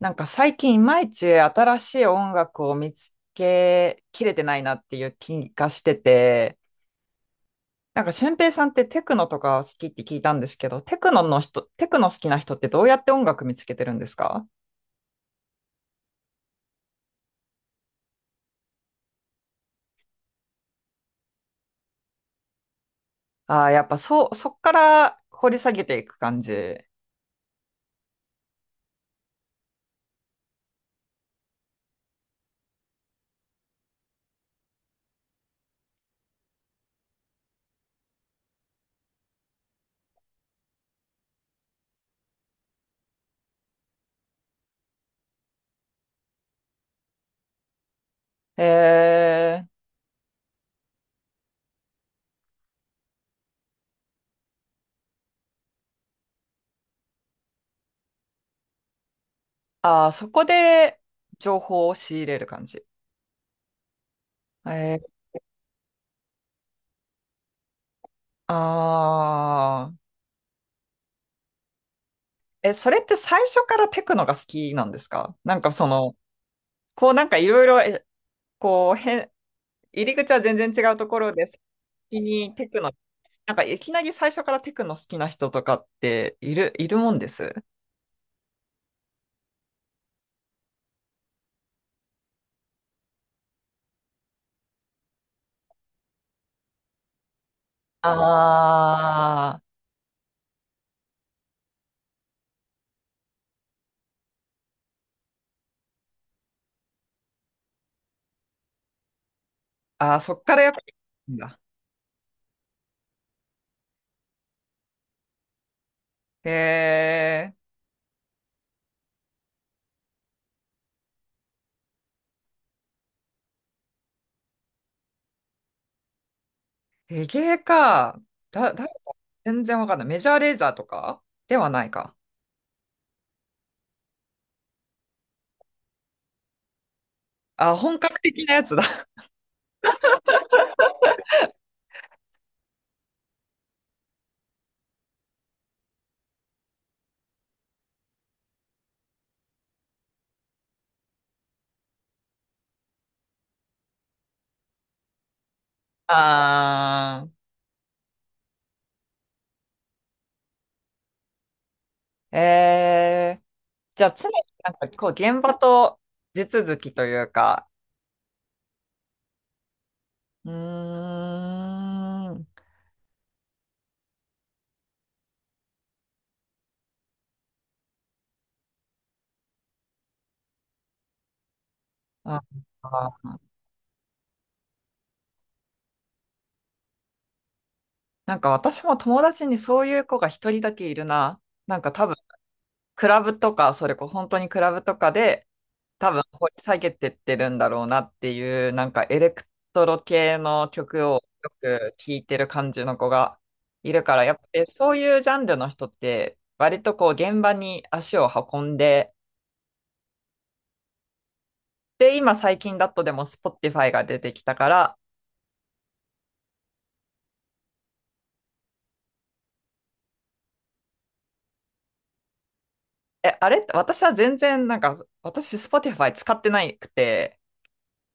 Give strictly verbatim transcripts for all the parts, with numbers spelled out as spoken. なんか最近いまいち新しい音楽を見つけきれてないなっていう気がしてて、なんか俊平さんってテクノとか好きって聞いたんですけど、テクノの人、テクノ好きな人ってどうやって音楽見つけてるんですか？ああー、やっぱそう、そっから掘り下げていく感じ。えー、ああ、そこで情報を仕入れる感じ。えー、ああ、え、それって最初からテクノが好きなんですか？なんかその、こうなんかいろいろこう、へん、入り口は全然違うところで、先にテクノ、なんかいきなり最初からテクノ好きな人とかっている、いるもんです？ああ、ああ、そっからやっぱり、だ。へえ、レゲエか。だ、だ、全然わかんない。メジャーレーザーとかではないか。あ、本格的なやつだ。ああ、えー、じゃあ常になんかこう現場と地続きというか、うーん、ああなんか私も友達にそういう子が一人だけいるな。なんか多分、クラブとか、それこそ本当にクラブとかで、多分掘り下げてってるんだろうなっていう、なんかエレクトロ系の曲をよく聴いてる感じの子がいるから、やっぱりそういうジャンルの人って、割とこう現場に足を運んで、で、今最近だとでも Spotify が出てきたから、え、あれ私は全然なんか、私 Spotify 使ってないくて、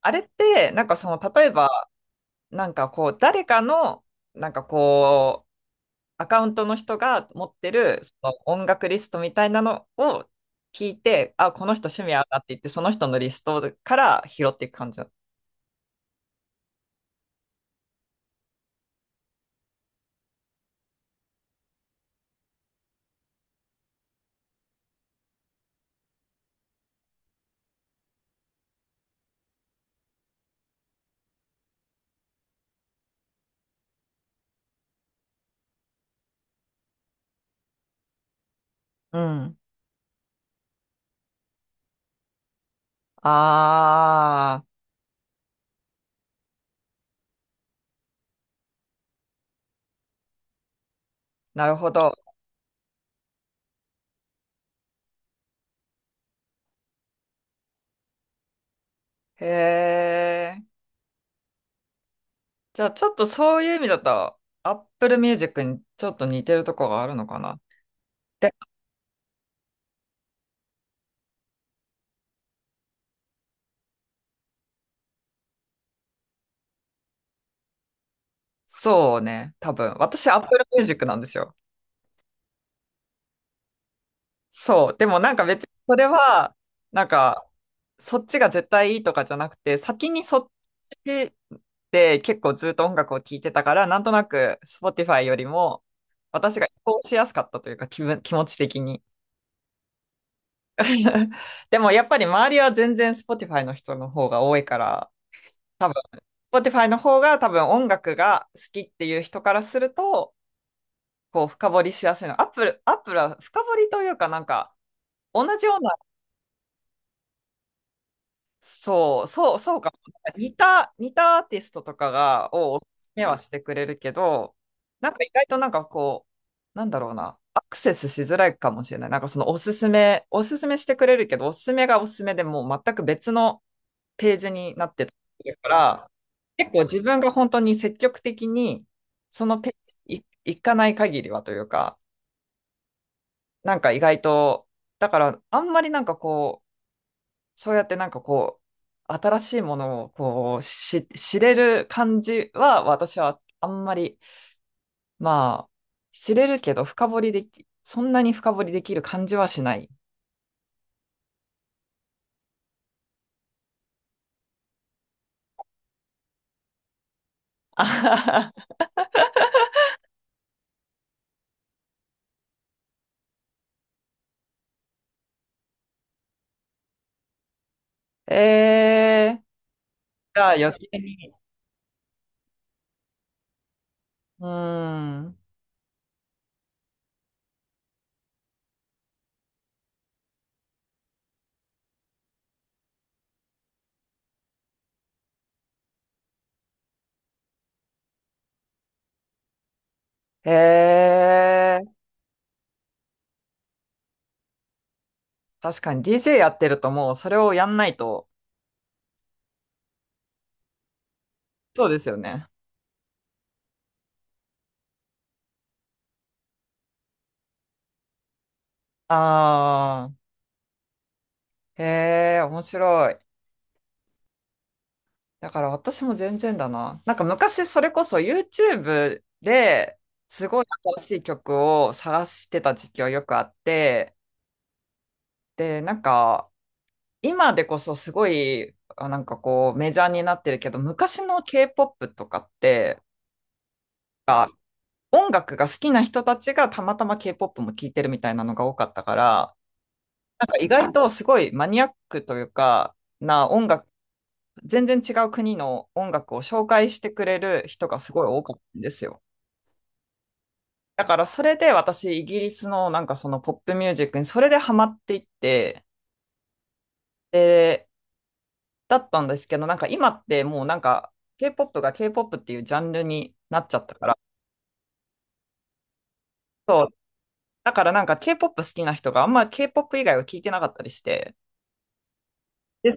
あれって、なんかその、例えば、なんかこう、誰かの、なんかこう、アカウントの人が持ってる、その音楽リストみたいなのを聞いて、あ、この人趣味合うなって言って、その人のリストから拾っていく感じだ。うん。あー、なるほど。へえ。じゃあ、ちょっとそういう意味だと、Apple Music にちょっと似てるとこがあるのかな。で、そうね、多分。私、Apple Music なんですよ。そう。でもなんか別にそれは、なんか、そっちが絶対いいとかじゃなくて、先にそっちで結構ずっと音楽を聴いてたから、なんとなく Spotify よりも私が移行しやすかったというか、気分、気持ち的に。でもやっぱり周りは全然 Spotify の人の方が多いから、多分 Spotify の方が多分音楽が好きっていう人からすると、こう深掘りしやすいの。Apple、Apple は深掘りというかなんか、同じようなそう、そう、そうかも。似た、似たアーティストとかが、をおすすめはしてくれるけど、なんか意外となんかこう、なんだろうな、アクセスしづらいかもしれない。なんかそのおすすめ、おすすめしてくれるけど、おすすめがおすすめでもう全く別のページになってたりするから、結構自分が本当に積極的に、そのページに行行かない限りはというか、なんか意外と、だからあんまりなんかこう、そうやってなんかこう、新しいものをこう、し、知れる感じは、私はあんまり、まあ、知れるけど深掘りでき、そんなに深掘りできる感じはしない。あははえー、じゃあ余計に。うーん。えー、確かに ディージェー やってるともうそれをやんないと、そうですよね。あー、えー、面白い。だから私も全然だな。なんか昔それこそ YouTube ですごい新しい曲を探してた時期はよくあって、で、なんか今でこそすごい、あなんかこうメジャーになってるけど、昔の K-ポップ とかって音楽が好きな人たちがたまたま K-ポップ も聴いてるみたいなのが多かったから、なんか意外とすごいマニアックというか、な音楽、全然違う国の音楽を紹介してくれる人がすごい多かったんですよ。だからそれで私、イギリスのなんかそのポップミュージックにそれでハマっていって、で、だったんですけど、なんか今ってもうなんか K-ポップ が K-ポップ っていうジャンルになっちゃったから、そう、だからなんか K-ポップ 好きな人があんま K-ポップ 以外は聞いてなかったりして、で、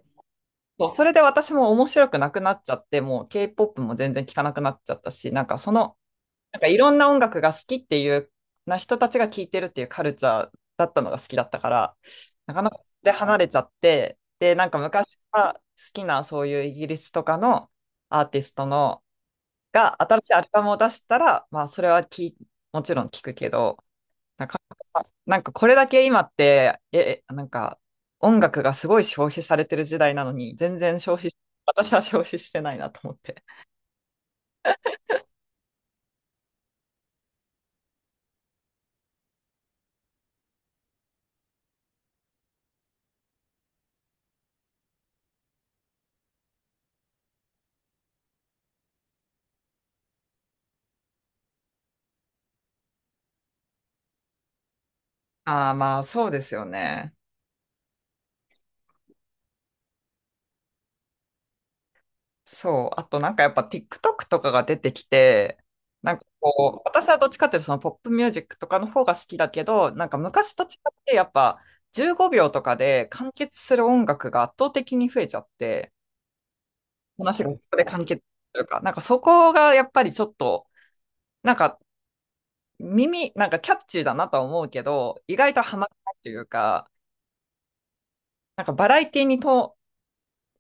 そう、それで私も面白くなくなっちゃって、もう K-ポップ も全然聞かなくなっちゃったし、なんかそのなんかいろんな音楽が好きっていうな人たちが聴いてるっていうカルチャーだったのが好きだったから、なかなかそれで離れちゃって、で、なんか昔から好きなそういうイギリスとかのアーティストのが新しいアルバムを出したら、まあそれはきもちろん聴くけど、なかなか、なんかこれだけ今って、え、なんか音楽がすごい消費されてる時代なのに、全然消費、私は消費してないなと思って。ああ、まあそうですよね。そう。あとなんかやっぱ TikTok とかが出てきて、なんかこう、私はどっちかっていうとそのポップミュージックとかの方が好きだけど、なんか昔と違ってやっぱじゅうごびょうとかで完結する音楽が圧倒的に増えちゃって、話がそこで完結するか。なんかそこがやっぱりちょっと、なんか耳、なんかキャッチーだなとは思うけど、意外とハマらないというか、なんかバラエティにと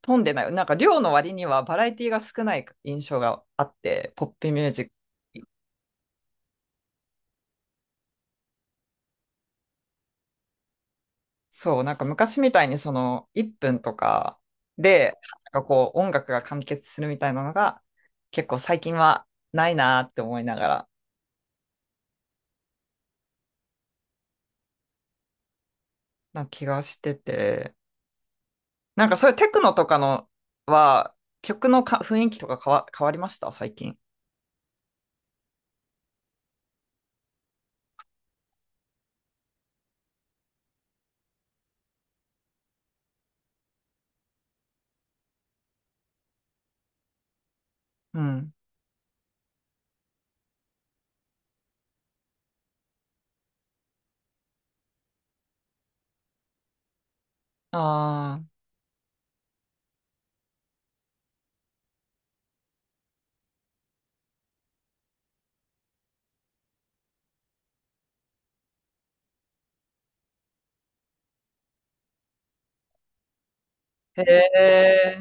富んでない。なんか量の割にはバラエティが少ない印象があって、ポップミュージック。そう、なんか昔みたいにそのいっぷんとかで、なんかこう音楽が完結するみたいなのが結構最近はないなーって思いながらな気がしてて、なんかそういうテクノとかのは曲のか雰囲気とか変わ、変わりました最近？うん。ああ、へえ、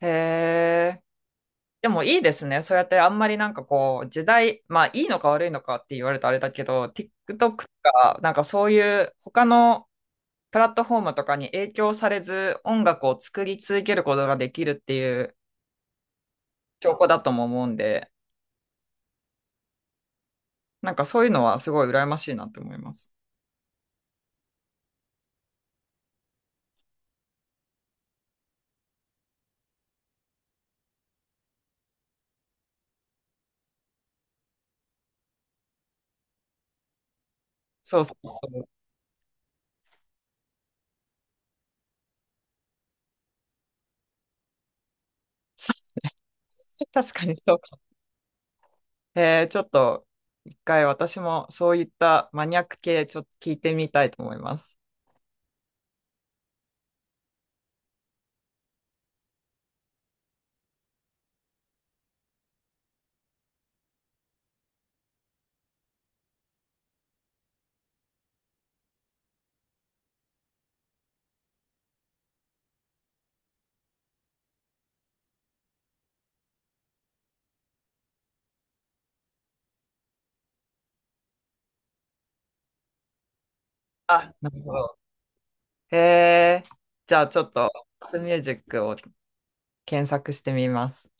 へえ。でもいいですね。そうやってあんまりなんかこう時代、まあいいのか悪いのかって言われたらあれだけど、TikTok とかなんかそういう他のプラットフォームとかに影響されず音楽を作り続けることができるっていう証拠だとも思うんで、なんかそういうのはすごい羨ましいなと思います。そうそう。確かにそうか。えー、ちょっと一回私もそういったマニアック系ちょっと聞いてみたいと思います。あ、なるほど。えー、じゃあちょっとスミュージックを検索してみます。